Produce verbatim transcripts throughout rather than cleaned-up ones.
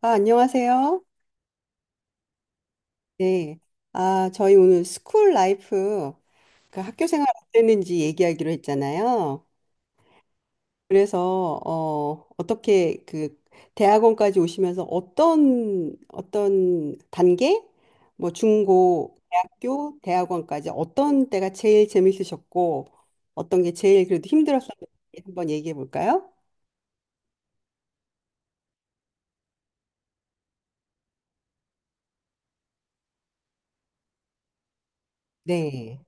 아, 안녕하세요. 네. 아, 저희 오늘 스쿨 라이프, 그 학교 생활 어땠는지 얘기하기로 했잖아요. 그래서, 어, 어떻게 그 대학원까지 오시면서 어떤, 어떤 단계? 뭐 중고, 대학교, 대학원까지 어떤 때가 제일 재밌으셨고, 어떤 게 제일 그래도 힘들었었는지 한번 얘기해 볼까요? 네.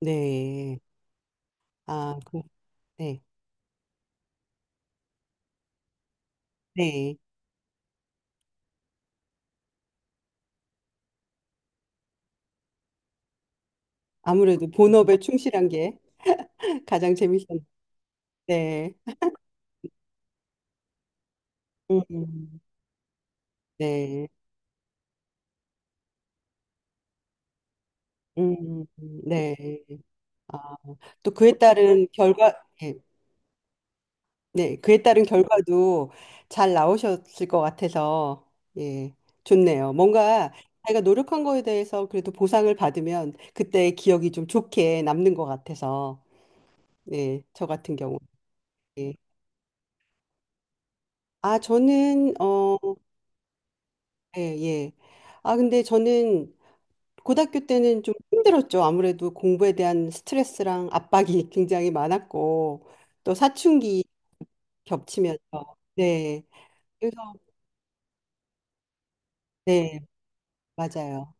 네. 아, 그, 네. 네. 아무래도 본업에 충실한 게. 가장 재밌었. 네. 음, 네. 음, 네. 아, 또 그에 따른 결과, 예. 네. 그에 따른 결과도 잘 나오셨을 것 같아서, 예. 좋네요. 뭔가 자기가 노력한 거에 대해서 그래도 보상을 받으면 그때의 기억이 좀 좋게 남는 것 같아서, 예. 저 같은 경우. 예. 아, 저는, 어, 예, 예. 아, 근데 저는 고등학교 때는 좀 힘들었죠. 아무래도 공부에 대한 스트레스랑 압박이 굉장히 많았고, 또 사춘기 겹치면서. 네. 그래서, 네, 맞아요.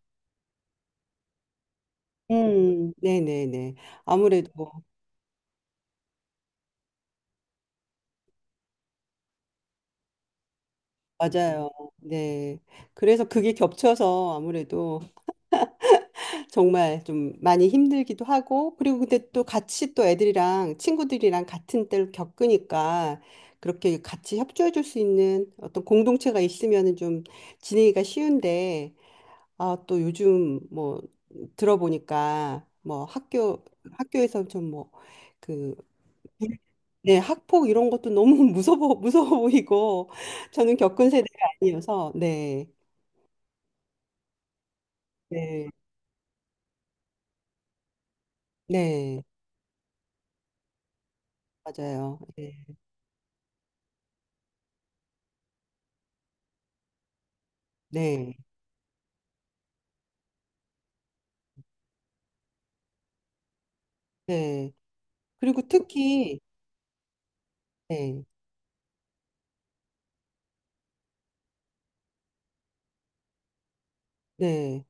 음, 네네네. 아무래도, 맞아요. 네. 그래서 그게 겹쳐서 아무래도 정말 좀 많이 힘들기도 하고, 그리고 근데 또 같이 또 애들이랑 친구들이랑 같은 때를 겪으니까 그렇게 같이 협조해 줄 수 있는 어떤 공동체가 있으면은 좀 지내기가 쉬운데, 아, 또 요즘 뭐 들어보니까 뭐 학교, 학교에서 좀 뭐 그, 네, 학폭 이런 것도 너무 무서워, 무서워 보이고, 저는 겪은 세대가 아니어서, 네, 네, 네, 맞아요. 네, 네, 네. 그리고 특히 네, 네.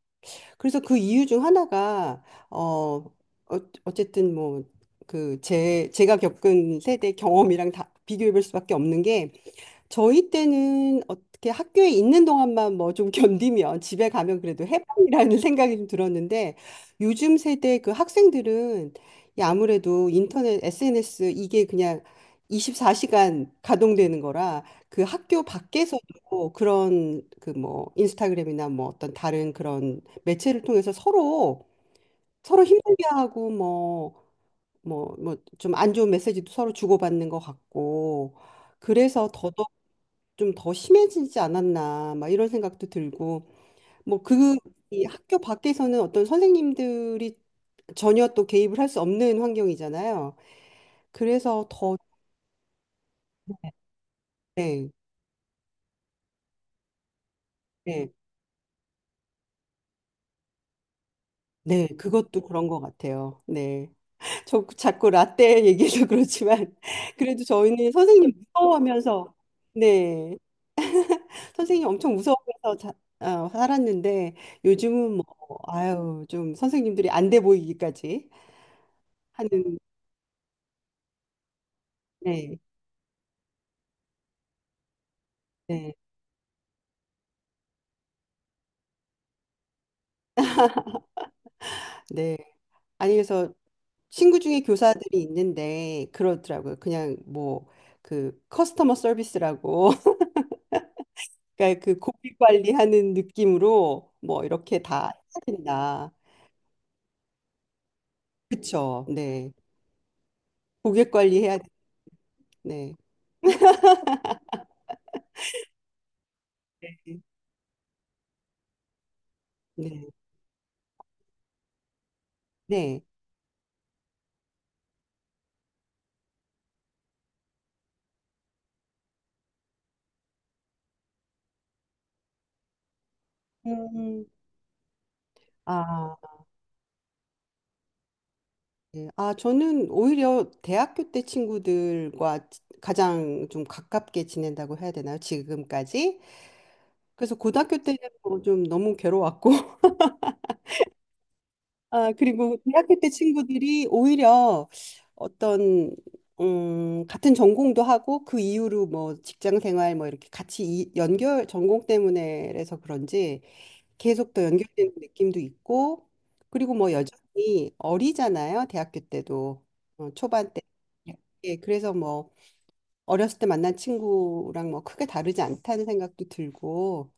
그래서 그 이유 중 하나가 어, 어 어쨌든 뭐 그 제 제가 겪은 세대 경험이랑 다 비교해 볼 수밖에 없는 게 저희 때는 어떻게 학교에 있는 동안만 뭐 좀 견디면 집에 가면 그래도 해방이라는 생각이 좀 들었는데 요즘 세대 그 학생들은 이 아무래도 인터넷, 에스엔에스 이게 그냥 이십사 시간 가동되는 거라 그 학교 밖에서도 그런 그 뭐 인스타그램이나 뭐 어떤 다른 그런 매체를 통해서 서로 서로 힘들게 하고 뭐 뭐 뭐 좀 안 좋은 메시지도 서로 주고받는 것 같고 그래서 좀 더 심해지지 않았나 막 이런 생각도 들고 뭐 그 이 학교 밖에서는 어떤 선생님들이 전혀 또 개입을 할 수 없는 환경이잖아요. 그래서 더 네, 네, 네, 그것도 그런 것 같아요. 네, 저 자꾸 라떼 얘기해서 그렇지만 그래도 저희는 선생님 무서워하면서 네, 선생님 엄청 무서워하면서 자, 어, 살았는데 요즘은 뭐 아유 좀 선생님들이 안돼 보이기까지 하는 네. 네. 네. 아니, 그래서 친구 중에 교사들이 있는데 그러더라고요. 그냥 뭐 그 커스터머 서비스라고 그러니까 그 고객 관리하는 느낌으로 뭐 이렇게 다 해야 된다. 그쵸? 네. 고객 관리해야 돼. 네. 네. 네. 음. 아, 네. 아, 저는 오히려 대학교 때 친구들과 지- 가장 좀 가깝게 지낸다고 해야 되나요? 지금까지? 그래서 고등학교 때는 뭐좀 너무 괴로웠고 아, 그리고 대학교 때 친구들이 오히려 어떤, 음, 같은 전공도 하고 그 이후로 뭐 직장 생활 뭐 이렇게 같이 이, 연결, 전공 때문에 그래서 그런지 계속 더 연결되는 느낌도 있고 그리고 뭐 여전히 어리잖아요. 대학교 때도. 어, 초반 때. 예, 그래서 뭐 어렸을 때 만난 친구랑 뭐 크게 다르지 않다는 생각도 들고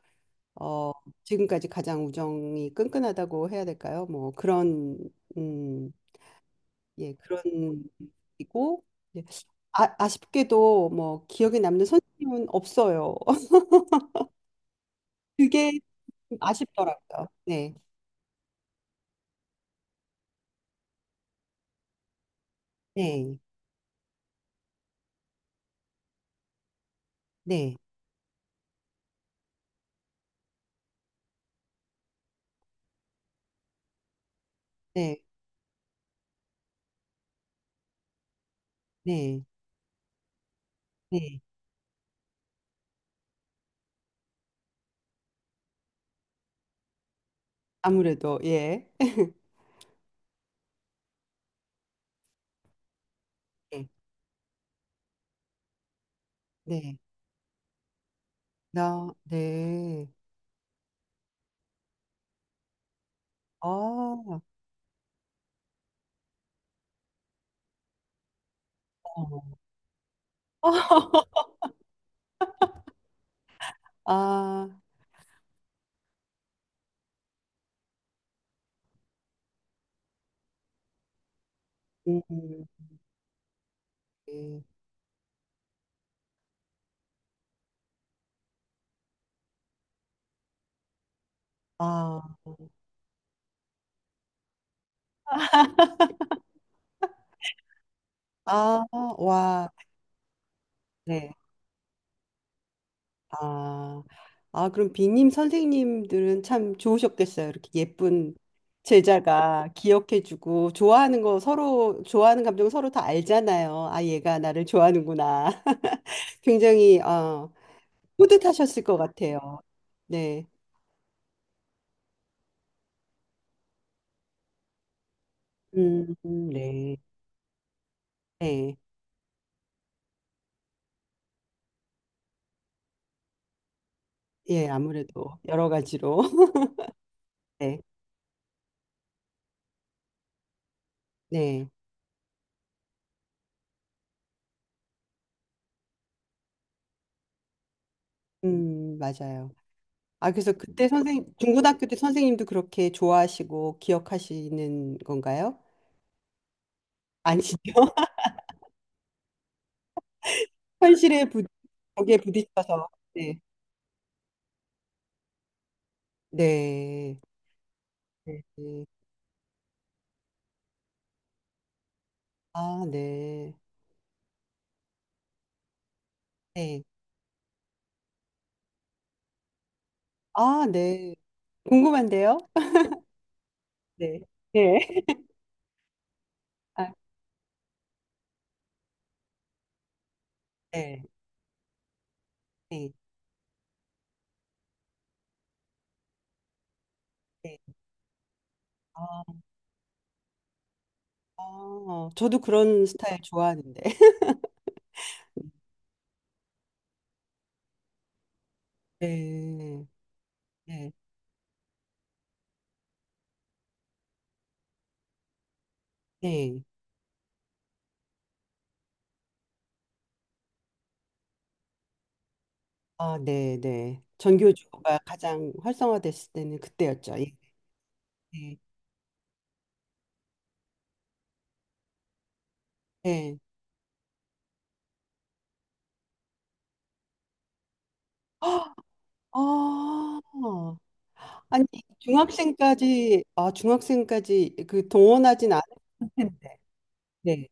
어, 지금까지 가장 우정이 끈끈하다고 해야 될까요? 뭐 그런 음, 예, 그런 이고 예. 아, 아쉽게도 뭐 기억에 남는 선생님은 없어요. 그게 좀 아쉽더라고요. 네. 네. 네. 네. 네. 네. 아무래도 예. 네. 네. 나 네. 아. 어. 아. 음. 네. 아. 아. 와. 네. 아, 아, 그럼 비님 선생님들은 참 좋으셨겠어요. 이렇게 예쁜 제자가 기억해주고 좋아하는 거 서로 좋아하는 감정 서로 다 알잖아요. 아, 얘가 나를 좋아하는구나. 굉장히 어, 뿌듯하셨을 것 같아요. 네, 음, 음, 네, 네, 예, 아무래도 여러 가지로 네, 네, 음, 맞아요. 아, 그래서 그때 선생 중고등학교 때 선생님도 그렇게 좋아하시고 기억하시는 건가요? 아니시죠? 현실에 부, 벽에 부딪혀서. 네. 네. 네. 네. 아, 네. 네. 아, 네. 궁금한데요? 네. 네. 아, 네. 네. 네. 아, 아, 저도 그런 스타일 좋아하는데. 네. 네. 네. 아, 네. 네. 전교조가 가장 활성화됐을 때는 그때였죠. 예. 네. 네. 아, 아. 아니, 중학생까지, 아, 중학생까지 그 동원하진 않을 텐데. 네.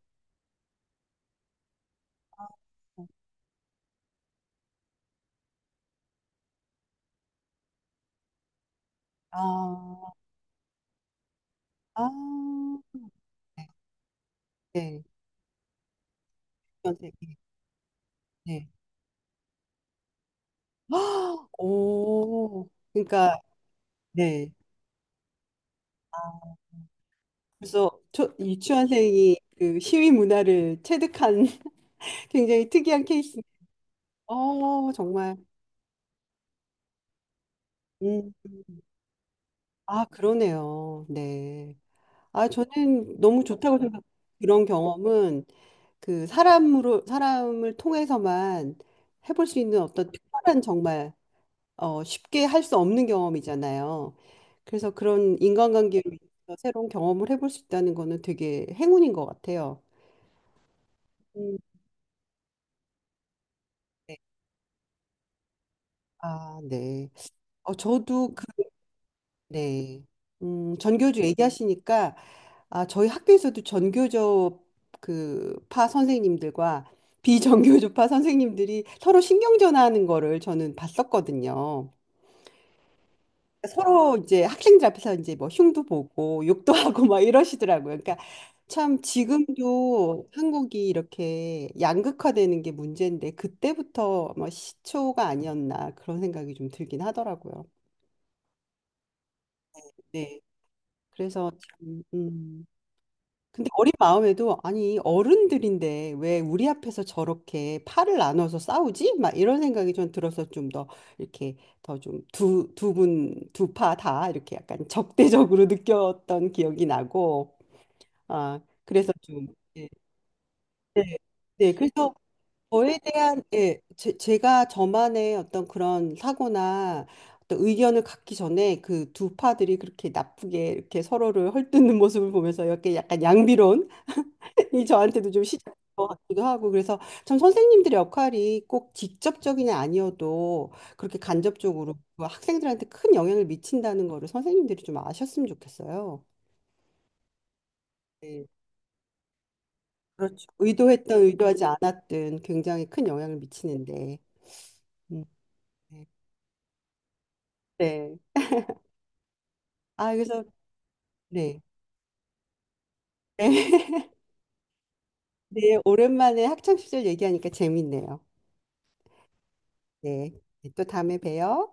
아, 아, 네. 네. 전 세계. 네. 아, 오, 그러니까, 네. 아, 그래서 초, 유치원생이 그 시위 문화를 체득한 굉장히 특이한 케이스. 어, 정말. 음. 아, 그러네요. 네. 아, 저는 너무 좋다고 생각. 그런 경험은 그 사람으로 사람을 통해서만 해볼 수 있는 어떤 특별한 정말 어, 쉽게 할 수 없는 경험이잖아요. 그래서 그런 인간관계로 인해서 새로운 경험을 해볼 수 있다는 거는 되게 행운인 것 같아요. 음, 네. 아, 네. 어, 저도 그, 네. 음, 전교조 얘기하시니까, 아, 저희 학교에서도 전교조 그 파 선생님들과 비전교조파 선생님들이 서로 신경전하는 거를 저는 봤었거든요. 서로 이제 학생들 앞에서 이제 뭐 흉도 보고 욕도 하고 막 이러시더라고요. 그러니까 참 지금도 한국이 이렇게 양극화되는 게 문제인데 그때부터 뭐 시초가 아니었나 그런 생각이 좀 들긴 하더라고요. 네. 그래서 참, 음. 근데 어린 마음에도 아니 어른들인데 왜 우리 앞에서 저렇게 팔을 나눠서 싸우지? 막 이런 생각이 좀 들어서 좀 더 이렇게 더 좀 두 두 분 두 파 다 이렇게 약간 적대적으로 느꼈던 기억이 나고 아 그래서 좀 예, 네, 네 그래서 저에 대한 예 제, 제가 저만의 어떤 그런 사고나 어떤 의견을 갖기 전에 그 두 파들이 그렇게 나쁘게 이렇게 서로를 헐뜯는 모습을 보면서 이렇게 약간 양비론 이 저한테도 좀 시작인 것 같기도 하고 그래서 참 선생님들의 역할이 꼭 직접적이냐 아니어도 그렇게 간접적으로 그 학생들한테 큰 영향을 미친다는 거를 선생님들이 좀 아셨으면 좋겠어요. 네, 그렇죠. 의도했던 의도하지 않았든 굉장히 큰 영향을 미치는데. 음, 네. 네. 아, 그래서 네. 네, 오랜만에 학창 시절 얘기하니까 재밌네요. 네. 네, 또 다음에 봬요.